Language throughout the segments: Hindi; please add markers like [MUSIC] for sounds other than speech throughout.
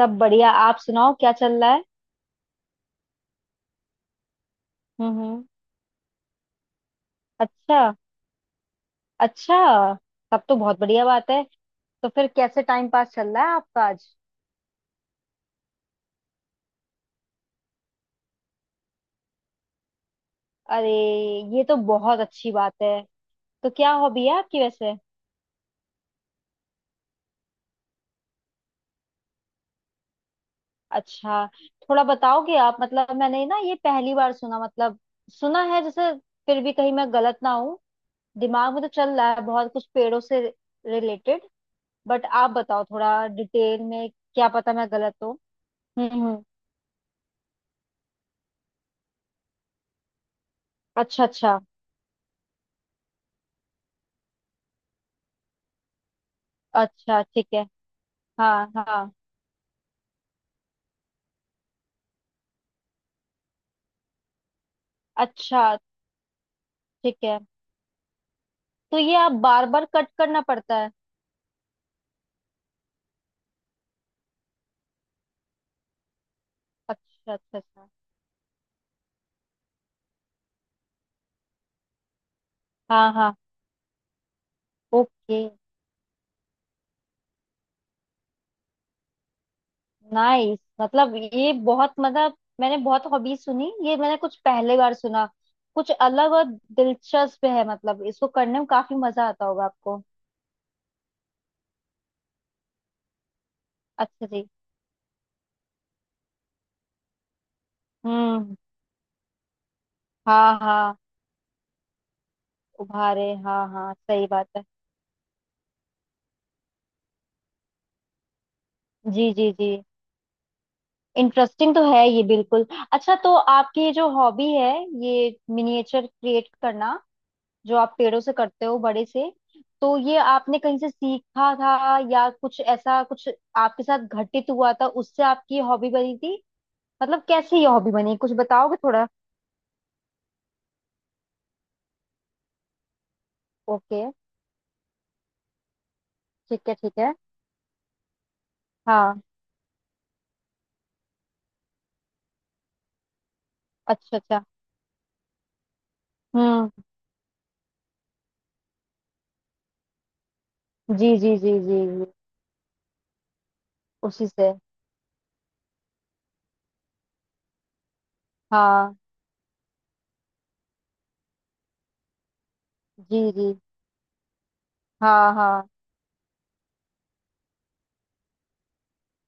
सब बढ़िया। आप सुनाओ क्या चल रहा है। हम्म। अच्छा अच्छा। तब तो बहुत बढ़िया बात है। तो फिर कैसे टाइम पास चल रहा है आपका आज। अरे, ये तो बहुत अच्छी बात है। तो क्या हॉबी है आपकी वैसे। अच्छा, थोड़ा बताओगे आप। मतलब मैंने ना ये पहली बार सुना, मतलब सुना है जैसे, फिर भी कहीं मैं गलत ना हूँ। दिमाग में तो चल रहा है बहुत कुछ पेड़ों से रिलेटेड, बट आप बताओ थोड़ा डिटेल में। क्या पता मैं गलत हूँ। हम्म। अच्छा अच्छा। अच्छा ठीक है। हाँ हाँ। अच्छा। ठीक है। तो ये आप बार बार कट करना पड़ता है। अच्छा अच्छा अच्छा। हाँ हाँ। ओके। नाइस। मतलब ये बहुत, मतलब मैंने बहुत हॉबी सुनी, ये मैंने कुछ पहले बार सुना, कुछ अलग और दिलचस्प है। मतलब इसको करने में काफी मजा आता होगा आपको। अच्छा जी। हम्म। हाँ हाँ। उभारे, हाँ हाँ, सही बात है। जी जी जी। इंटरेस्टिंग तो है ये बिल्कुल। अच्छा, तो आपकी ये जो हॉबी है, ये मिनिएचर क्रिएट करना, जो आप पेड़ों से करते हो बड़े से, तो ये आपने कहीं से सीखा था, या कुछ ऐसा कुछ आपके साथ घटित हुआ था उससे आपकी हॉबी बनी थी। मतलब कैसे ये हॉबी बनी, कुछ बताओगे थोड़ा। ओके। ठीक है ठीक है। हाँ। अच्छा अच्छा। हम्म। जी जी जी जी जी। उसी से। हाँ। जी जी। हाँ हाँ।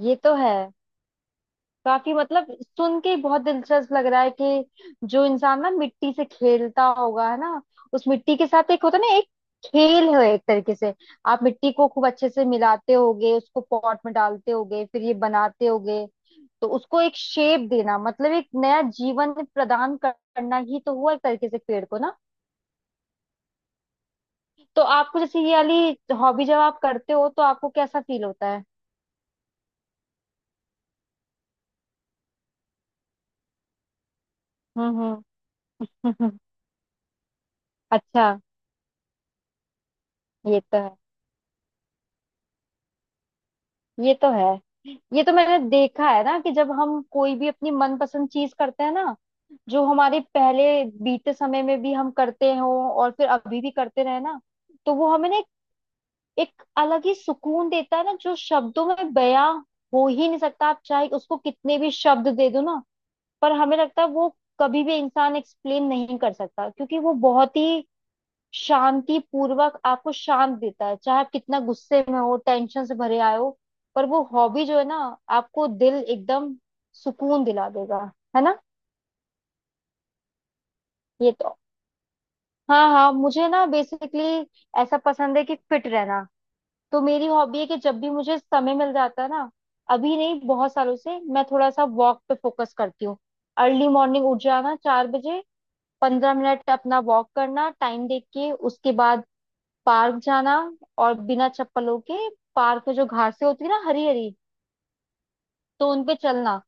ये तो है। काफी, मतलब सुन के ही बहुत दिलचस्प लग रहा है कि जो इंसान ना मिट्टी से खेलता होगा है ना, उस मिट्टी के साथ एक होता है ना, एक खेल है एक तरीके से। आप मिट्टी को खूब अच्छे से मिलाते होगे, उसको पॉट में डालते होगे, फिर ये बनाते होगे। तो उसको एक शेप देना, मतलब एक नया जीवन प्रदान करना ही तो हुआ एक तरीके से पेड़ को ना। तो आपको जैसे ये वाली हॉबी जब आप करते हो तो आपको कैसा फील होता है। हम्म हम्म। [LAUGHS] अच्छा। ये तो है। ये तो है। ये तो मैंने देखा है ना कि जब हम कोई भी अपनी मनपसंद चीज करते हैं ना, जो हमारे पहले बीते समय में भी हम करते हो, और फिर अभी भी करते रहे ना, तो वो हमें ना एक अलग ही सुकून देता है ना, जो शब्दों में बयां हो ही नहीं सकता। आप चाहे उसको कितने भी शब्द दे दो ना, पर हमें लगता है वो कभी भी इंसान एक्सप्लेन नहीं कर सकता क्योंकि वो बहुत ही शांति पूर्वक आपको शांत देता है। चाहे आप कितना गुस्से में हो, टेंशन से भरे आए हो, पर वो हॉबी जो है ना, आपको दिल एकदम सुकून दिला देगा, है ना। ये तो। हाँ हाँ, मुझे ना बेसिकली ऐसा पसंद है कि फिट रहना। तो मेरी हॉबी है कि जब भी मुझे समय मिल जाता है ना, अभी नहीं, बहुत सालों से मैं थोड़ा सा वॉक पे फोकस करती हूँ। अर्ली मॉर्निंग उठ जाना 4 बजे, 15 मिनट अपना वॉक करना, टाइम देख के। उसके बाद पार्क जाना, और बिना चप्पलों के पार्क में जो घासें होती है ना, हरी हरी, तो उनपे चलना।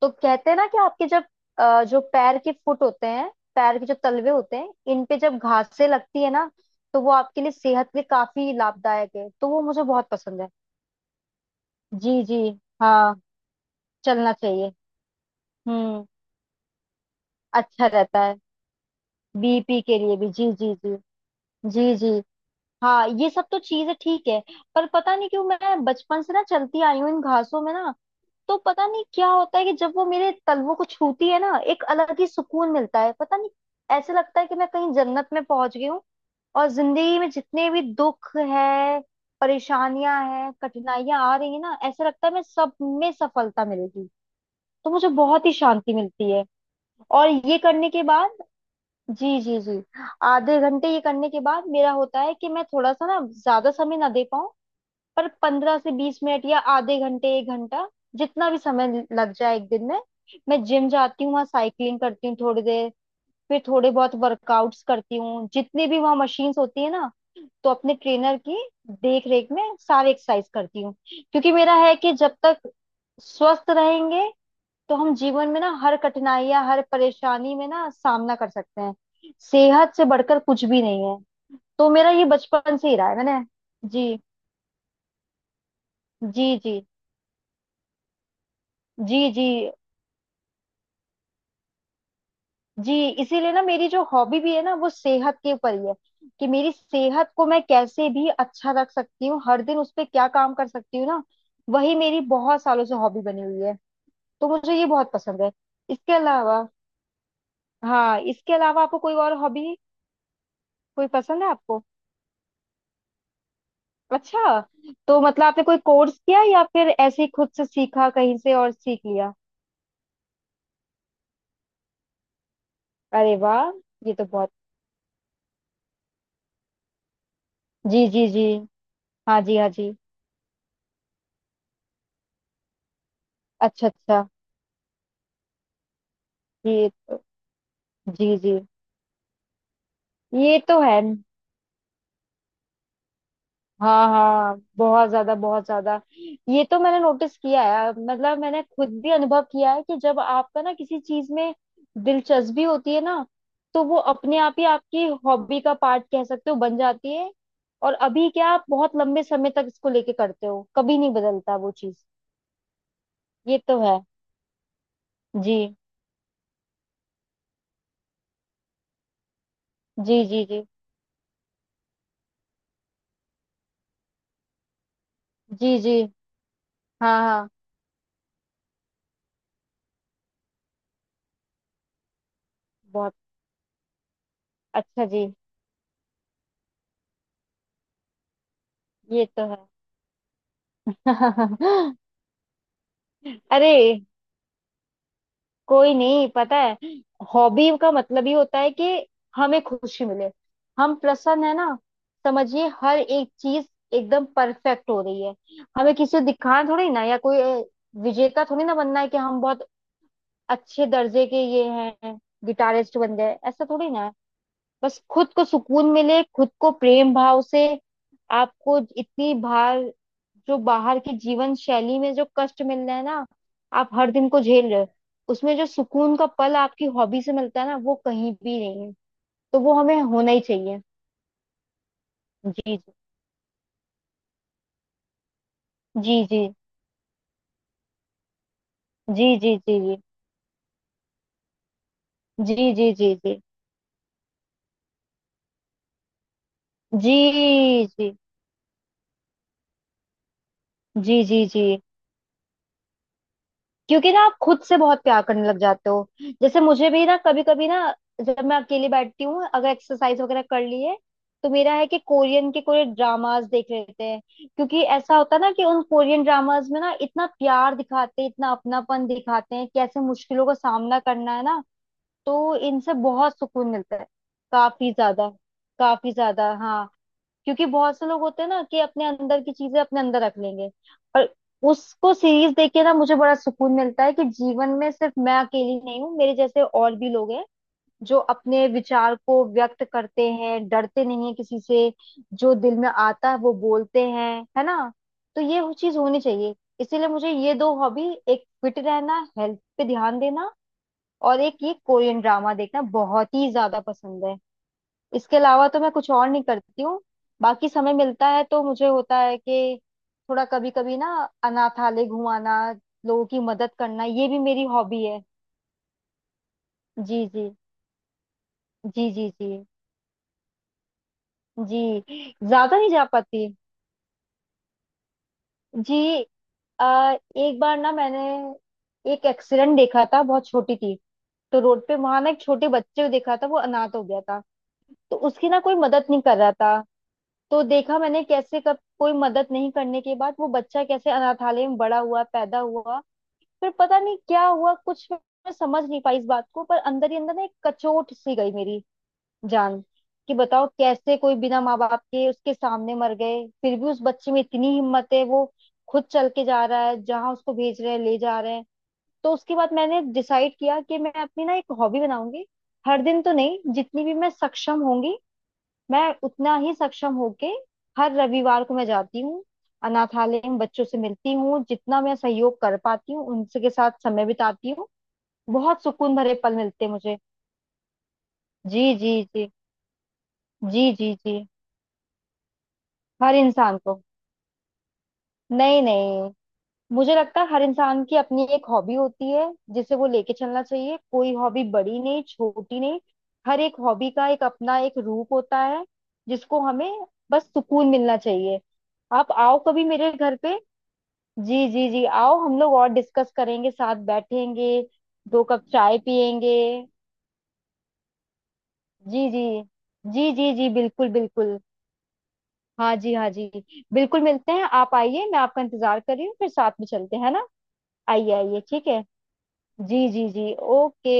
तो कहते हैं ना कि आपके जब जो पैर के फुट होते हैं, पैर के जो तलवे होते हैं, इन पे जब घासें लगती है ना, तो वो आपके लिए सेहत के लिए काफी लाभदायक है। तो वो मुझे बहुत पसंद है। जी जी। हाँ। चलना चाहिए। हम्म। अच्छा रहता है। बीपी के लिए भी, जी जी जी। जी जी। हाँ ये सब तो चीजें ठीक है। पर पता नहीं क्यों मैं बचपन से ना चलती आई हूँ इन घासों में ना, तो पता नहीं क्या होता है कि जब वो मेरे तलवों को छूती है ना, एक अलग ही सुकून मिलता है। पता नहीं, ऐसे लगता है कि मैं कहीं जन्नत में पहुंच गई हूँ। और जिंदगी में जितने भी दुख है, परेशानियां हैं, कठिनाइयां आ रही है ना, ऐसा लगता है मैं सब में सफलता मिलेगी। तो मुझे बहुत ही शांति मिलती है, और ये करने के बाद। जी जी जी। आधे घंटे ये करने के बाद मेरा होता है कि मैं थोड़ा सा ना ज्यादा समय ना दे पाऊं, पर 15 से 20 मिनट या आधे घंटे एक घंटा, जितना भी समय लग जाए एक दिन में, मैं जिम जाती हूँ। वहाँ साइकिलिंग करती हूँ थोड़ी देर, फिर थोड़े बहुत वर्कआउट्स करती हूँ, जितने भी वहाँ मशीन्स होती है ना, तो अपने ट्रेनर की देख रेख में सारे एक्सरसाइज करती हूँ। क्योंकि मेरा है कि जब तक स्वस्थ रहेंगे, तो हम जीवन में ना हर कठिनाई या हर परेशानी में ना सामना कर सकते हैं। सेहत से बढ़कर कुछ भी नहीं है। तो मेरा ये बचपन से ही रहा है मैंने। जी। जी जी। जी जी जी। इसीलिए ना मेरी जो हॉबी भी है ना, वो सेहत के ऊपर ही है। कि मेरी सेहत को मैं कैसे भी अच्छा रख सकती हूँ, हर दिन उस पे क्या काम कर सकती हूँ ना, वही मेरी बहुत सालों से हॉबी बनी हुई है। तो मुझे ये बहुत पसंद है। इसके अलावा, हाँ इसके अलावा आपको कोई और हॉबी कोई पसंद है आपको। अच्छा, तो मतलब आपने कोई कोर्स किया या फिर ऐसे ही खुद से सीखा, कहीं से और सीख लिया। अरे वाह, ये तो बहुत। जी जी जी। हाँ जी हाँ जी। अच्छा अच्छा। जी। जी जी। ये तो है। हाँ हाँ, बहुत ज्यादा, बहुत ज्यादा। ये तो मैंने नोटिस किया है, मतलब मैंने खुद भी अनुभव किया है कि जब आपका ना किसी चीज में दिलचस्पी होती है ना, तो वो अपने आप ही आपकी हॉबी का पार्ट, कह सकते हो, बन जाती है। और अभी क्या आप बहुत लंबे समय तक इसको लेके करते हो, कभी नहीं बदलता वो चीज। ये तो है। जी। जी जी जी। जी जी। हाँ हाँ। बहुत अच्छा। जी। ये तो है। [LAUGHS] अरे, कोई नहीं, पता है हॉबी का मतलब ही होता है कि हमें खुशी मिले, हम प्रसन्न है ना। समझिए हर एक चीज एकदम परफेक्ट हो रही है। हमें किसी को दिखाना थोड़ी ना, या कोई विजेता थोड़ी ना बनना है कि हम बहुत अच्छे दर्जे के ये हैं, गिटारिस्ट बन गए, ऐसा थोड़ी ना है। बस खुद को सुकून मिले, खुद को प्रेम भाव से। आपको इतनी बाहर, जो बाहर की जीवन शैली में जो कष्ट मिल रहा है ना, आप हर दिन को झेल रहे हो, उसमें जो सुकून का पल आपकी हॉबी से मिलता है ना, वो कहीं भी नहीं है। तो वो हमें होना ही चाहिए। जी। जी जी। जी जी जी जी जी जी जी जी जी जी जी जी जी जी। क्योंकि ना आप खुद से बहुत प्यार करने लग जाते हो। जैसे मुझे भी ना, कभी कभी ना, जब मैं अकेली बैठती हूँ, अगर एक्सरसाइज वगैरह कर ली है, तो मेरा है कि कोरियन के कोई ड्रामास देख लेते हैं। क्योंकि ऐसा होता है ना कि उन कोरियन ड्रामास में ना इतना प्यार दिखाते हैं, इतना अपनापन दिखाते हैं, कैसे मुश्किलों का सामना करना है ना। तो इनसे बहुत सुकून मिलता है। काफी ज्यादा। काफी ज्यादा, हाँ। क्योंकि बहुत से लोग होते हैं ना कि अपने अंदर की चीजें अपने अंदर रख लेंगे, और उसको सीरीज देख के ना मुझे बड़ा सुकून मिलता है कि जीवन में सिर्फ मैं अकेली नहीं हूँ, मेरे जैसे और भी लोग हैं, जो अपने विचार को व्यक्त करते हैं, डरते नहीं है किसी से। जो दिल में आता है वो बोलते हैं, है ना। तो ये वो चीज होनी चाहिए। इसीलिए मुझे ये दो हॉबी, एक फिट रहना, हेल्थ पे ध्यान देना, और एक ये कोरियन ड्रामा देखना, बहुत ही ज्यादा पसंद है। इसके अलावा तो मैं कुछ और नहीं करती हूँ। बाकी समय मिलता है तो मुझे होता है कि थोड़ा कभी कभी ना अनाथालय घुमाना, लोगों की मदद करना, ये भी मेरी हॉबी है। जी जी। जी जी जी जी। ज्यादा नहीं जा पाती। जी। आ, एक बार ना मैंने एक एक्सीडेंट देखा था, बहुत छोटी थी। तो रोड पे वहां ना एक छोटे बच्चे को देखा था, वो अनाथ हो गया था। तो उसकी ना कोई मदद नहीं कर रहा था। तो देखा मैंने कैसे, कब कोई मदद नहीं करने के बाद वो बच्चा कैसे अनाथालय में बड़ा हुआ, पैदा हुआ। फिर पता नहीं क्या हुआ, कुछ मैं समझ नहीं पाई इस बात को, पर अंदर ही अंदर ना एक कचोट सी गई मेरी जान, कि बताओ कैसे कोई बिना माँ बाप के, उसके सामने मर गए, फिर भी उस बच्चे में इतनी हिम्मत है, वो खुद चल के जा रहा है जहाँ उसको भेज रहे हैं, ले जा रहे हैं। तो उसके बाद मैंने डिसाइड किया कि मैं अपनी ना एक हॉबी बनाऊंगी। हर दिन तो नहीं, जितनी भी मैं सक्षम होंगी, मैं उतना ही सक्षम होके हर रविवार को मैं जाती हूँ, अनाथालय में बच्चों से मिलती हूँ, जितना मैं सहयोग कर पाती हूँ उनसे, के साथ समय बिताती हूँ। बहुत सुकून भरे पल मिलते हैं मुझे। जी जी जी। जी जी जी। हर इंसान को। नहीं नहीं, मुझे लगता है हर इंसान की अपनी एक हॉबी होती है, जिसे वो लेके चलना चाहिए। कोई हॉबी बड़ी नहीं छोटी नहीं, हर एक हॉबी का एक अपना एक रूप होता है, जिसको हमें बस सुकून मिलना चाहिए। आप आओ कभी मेरे घर पे। जी जी जी, आओ, हम लोग और डिस्कस करेंगे, साथ बैठेंगे, दो कप चाय पियेंगे। जी जी जी जी जी, बिल्कुल बिल्कुल। हाँ जी हाँ जी। बिल्कुल, मिलते हैं, आप आइए, मैं आपका इंतजार कर रही हूँ, फिर साथ में चलते हैं ना। आइए आइए, ठीक है। जी जी जी। ओके।